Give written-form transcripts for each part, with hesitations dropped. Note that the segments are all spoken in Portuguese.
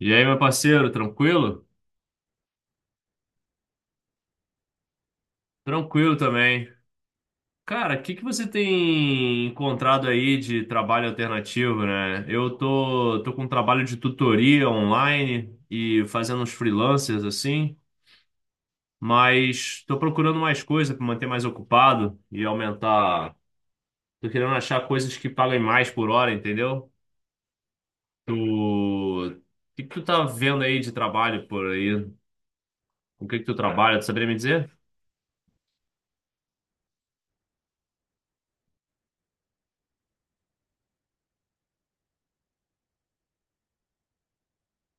E aí, meu parceiro, tranquilo? Tranquilo também. Cara, o que que você tem encontrado aí de trabalho alternativo, né? Eu tô com um trabalho de tutoria online e fazendo uns freelancers assim, mas tô procurando mais coisa para manter mais ocupado e aumentar. Tô querendo achar coisas que paguem mais por hora, entendeu? O que que tu tá vendo aí de trabalho por aí? O que que tu trabalha? Tu saberia me dizer?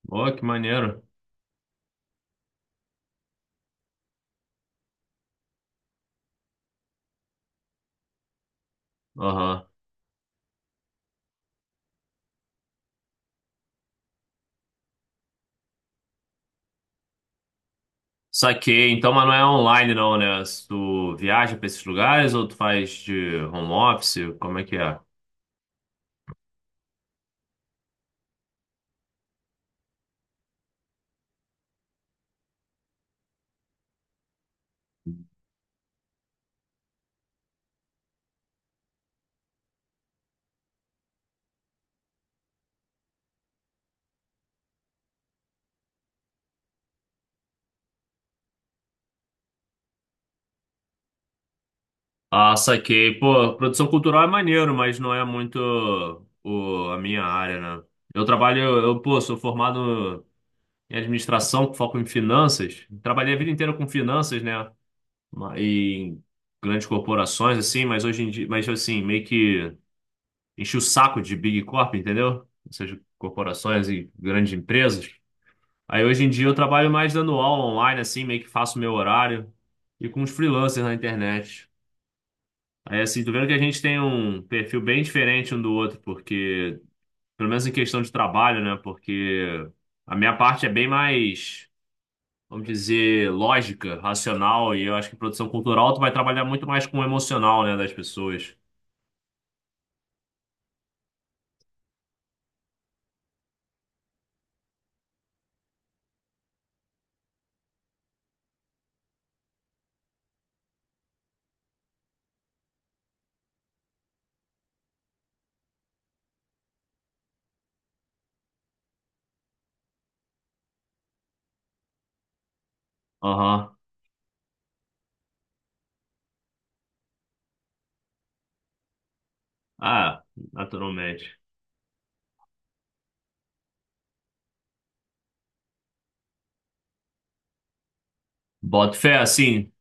Ó, que maneiro. Aham. Saquei. Então, mas não é online não, né? Se tu viaja pra esses lugares ou tu faz de home office? Como é que é? Ah, saquei. Pô, produção cultural é maneiro, mas não é muito a minha área, né? Pô, sou formado em administração, com foco em finanças. Trabalhei a vida inteira com finanças, né? E em grandes corporações, assim, mas hoje em dia, mas assim, meio que enchi o saco de Big Corp, entendeu? Ou seja, corporações e grandes empresas. Aí hoje em dia eu trabalho mais dando aula online, assim, meio que faço meu horário e com os freelancers na internet. Aí assim, tu vendo que a gente tem um perfil bem diferente um do outro, porque, pelo menos em questão de trabalho, né? Porque a minha parte é bem mais, vamos dizer, lógica, racional, e eu acho que produção cultural tu vai trabalhar muito mais com o emocional, né, das pessoas. Aham. Ah, naturalmente. Boto fé, assim.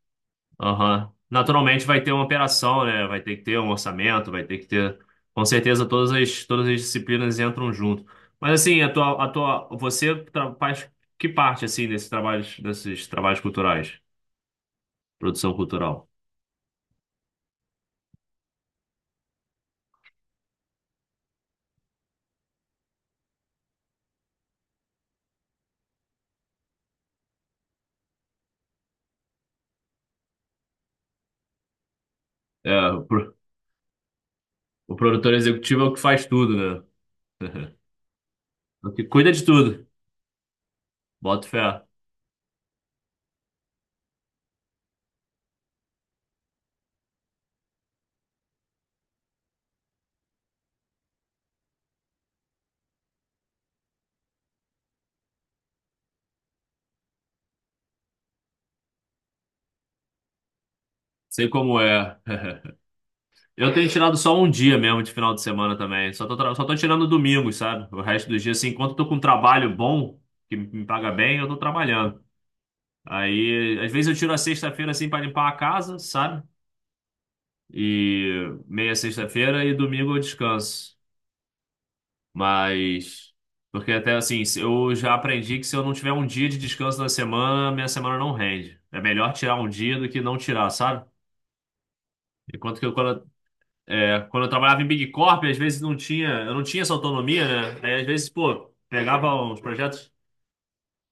Aham. Naturalmente vai ter uma operação, né? Vai ter que ter um orçamento, vai ter que ter. Com certeza todas todas as disciplinas entram junto. Mas assim, a tua, faz que parte assim desses trabalhos culturais, produção cultural? É, o pro- o produtor executivo é o que faz tudo, né? O que cuida de tudo. Bota fé. Sei como é. Eu tenho tirado só um dia mesmo de final de semana também. Só tô tirando domingos, sabe? O resto dos dias, assim, enquanto eu tô com um trabalho bom, que me paga bem, eu tô trabalhando. Aí, às vezes eu tiro a sexta-feira, assim, pra limpar a casa, sabe? E meia sexta-feira e domingo eu descanso. Mas, porque até assim, eu já aprendi que se eu não tiver um dia de descanso na semana, minha semana não rende. É melhor tirar um dia do que não tirar, sabe? Enquanto que eu, quando É, quando eu trabalhava em Big Corp, às vezes eu não tinha essa autonomia, né? Aí, às vezes, pô, pegava uns projetos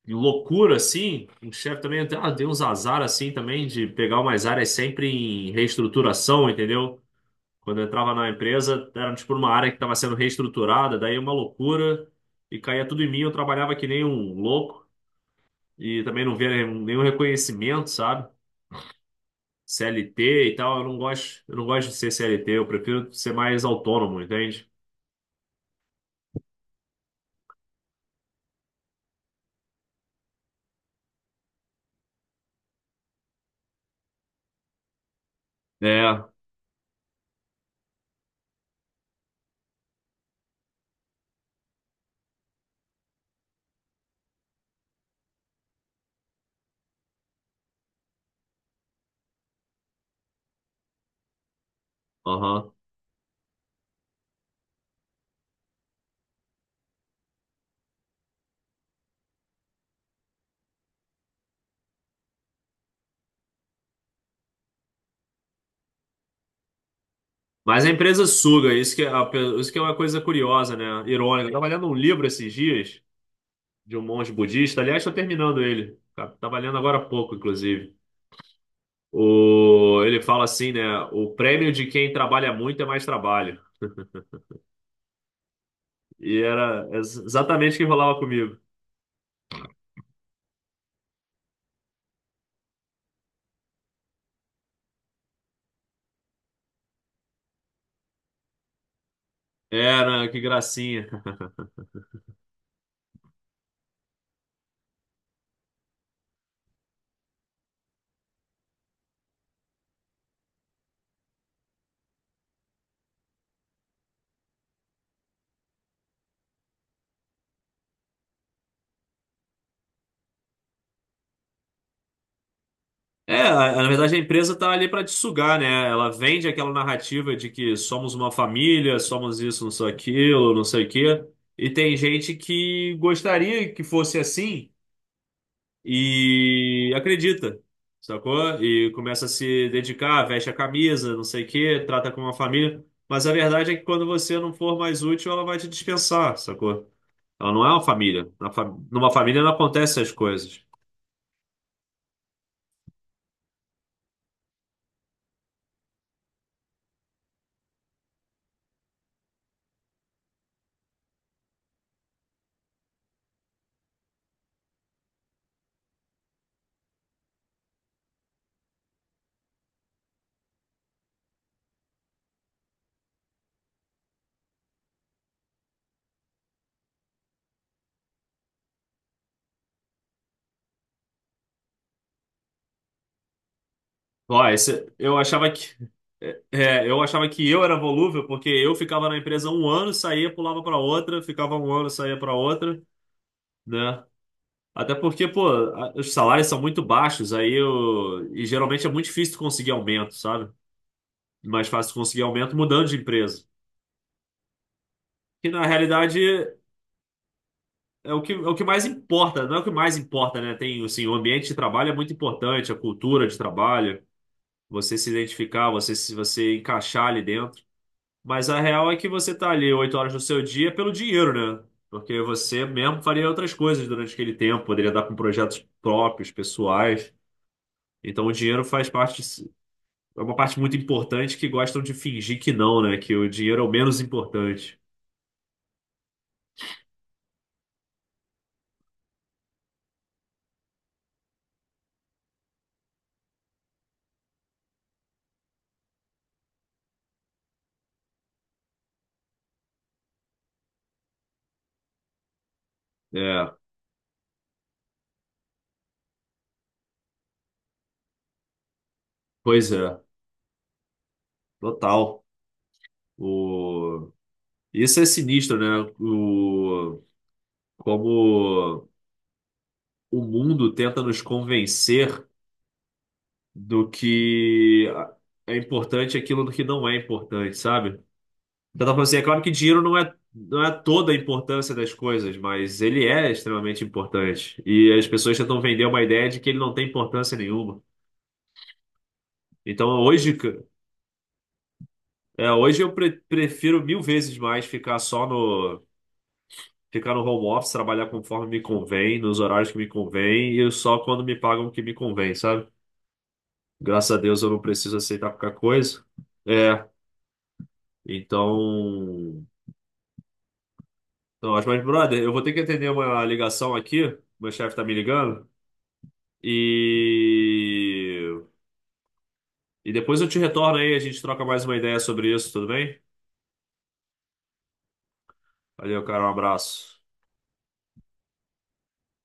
de loucura, assim, o chefe também até, ah, deu uns azar, assim, também, de pegar umas áreas sempre em reestruturação, entendeu? Quando eu entrava na empresa, era, tipo, uma área que estava sendo reestruturada, daí uma loucura, e caía tudo em mim, eu trabalhava que nem um louco, e também não via nenhum reconhecimento, sabe? CLT e tal, eu não gosto de ser CLT, eu prefiro ser mais autônomo, entende? É, aham. Mas a empresa suga, é isso que é uma coisa curiosa, né? Irônica. Eu tava lendo um livro esses dias de um monge budista. Aliás, estou terminando ele. Tava lendo agora há pouco, inclusive. O, ele fala assim, né? O prêmio de quem trabalha muito é mais trabalho. E era exatamente o que rolava comigo. Era, que gracinha. É, na verdade a empresa tá ali para te sugar, né? Ela vende aquela narrativa de que somos uma família, somos isso, não sei aquilo, não sei o quê. E tem gente que gostaria que fosse assim e acredita, sacou? E começa a se dedicar, veste a camisa, não sei o quê, trata como uma família. Mas a verdade é que quando você não for mais útil, ela vai te dispensar, sacou? Ela não é uma família. Numa família não acontecem as coisas. Ó, esse, eu achava que eu era volúvel porque eu ficava na empresa um ano, saía, pulava para outra, ficava um ano, saía para outra, né? Até porque, pô, os salários são muito baixos, e geralmente é muito difícil tu conseguir aumento, sabe? Mais fácil tu conseguir aumento mudando de empresa. Que na realidade é o que mais importa, não é o que mais importa, né? Tem, assim, o ambiente de trabalho é muito importante, a cultura de trabalho, você se identificar, você se você encaixar ali dentro. Mas a real é que você tá ali 8 horas do seu dia pelo dinheiro, né? Porque você mesmo faria outras coisas durante aquele tempo, poderia dar com projetos próprios, pessoais. Então o dinheiro faz parte, é uma parte muito importante que gostam de fingir que não, né? Que o dinheiro é o menos importante. É, pois é, total. O... Isso é sinistro, né? Como o mundo tenta nos convencer do que é importante e aquilo do que não é importante, sabe? Eu tava falando assim, é claro que dinheiro não é, não é toda a importância das coisas, mas ele é extremamente importante. E as pessoas tentam vender uma ideia de que ele não tem importância nenhuma. Então hoje, ca- hoje eu prefiro mil vezes mais ficar no home office, trabalhar conforme me convém, nos horários que me convém, e só quando me pagam o que me convém, sabe? Graças a Deus eu não preciso aceitar qualquer coisa. É, então. Brother, eu vou ter que atender uma ligação aqui. Meu chefe tá me ligando. E... e depois eu te retorno aí, a gente troca mais uma ideia sobre isso, tudo bem? Valeu, cara, um abraço.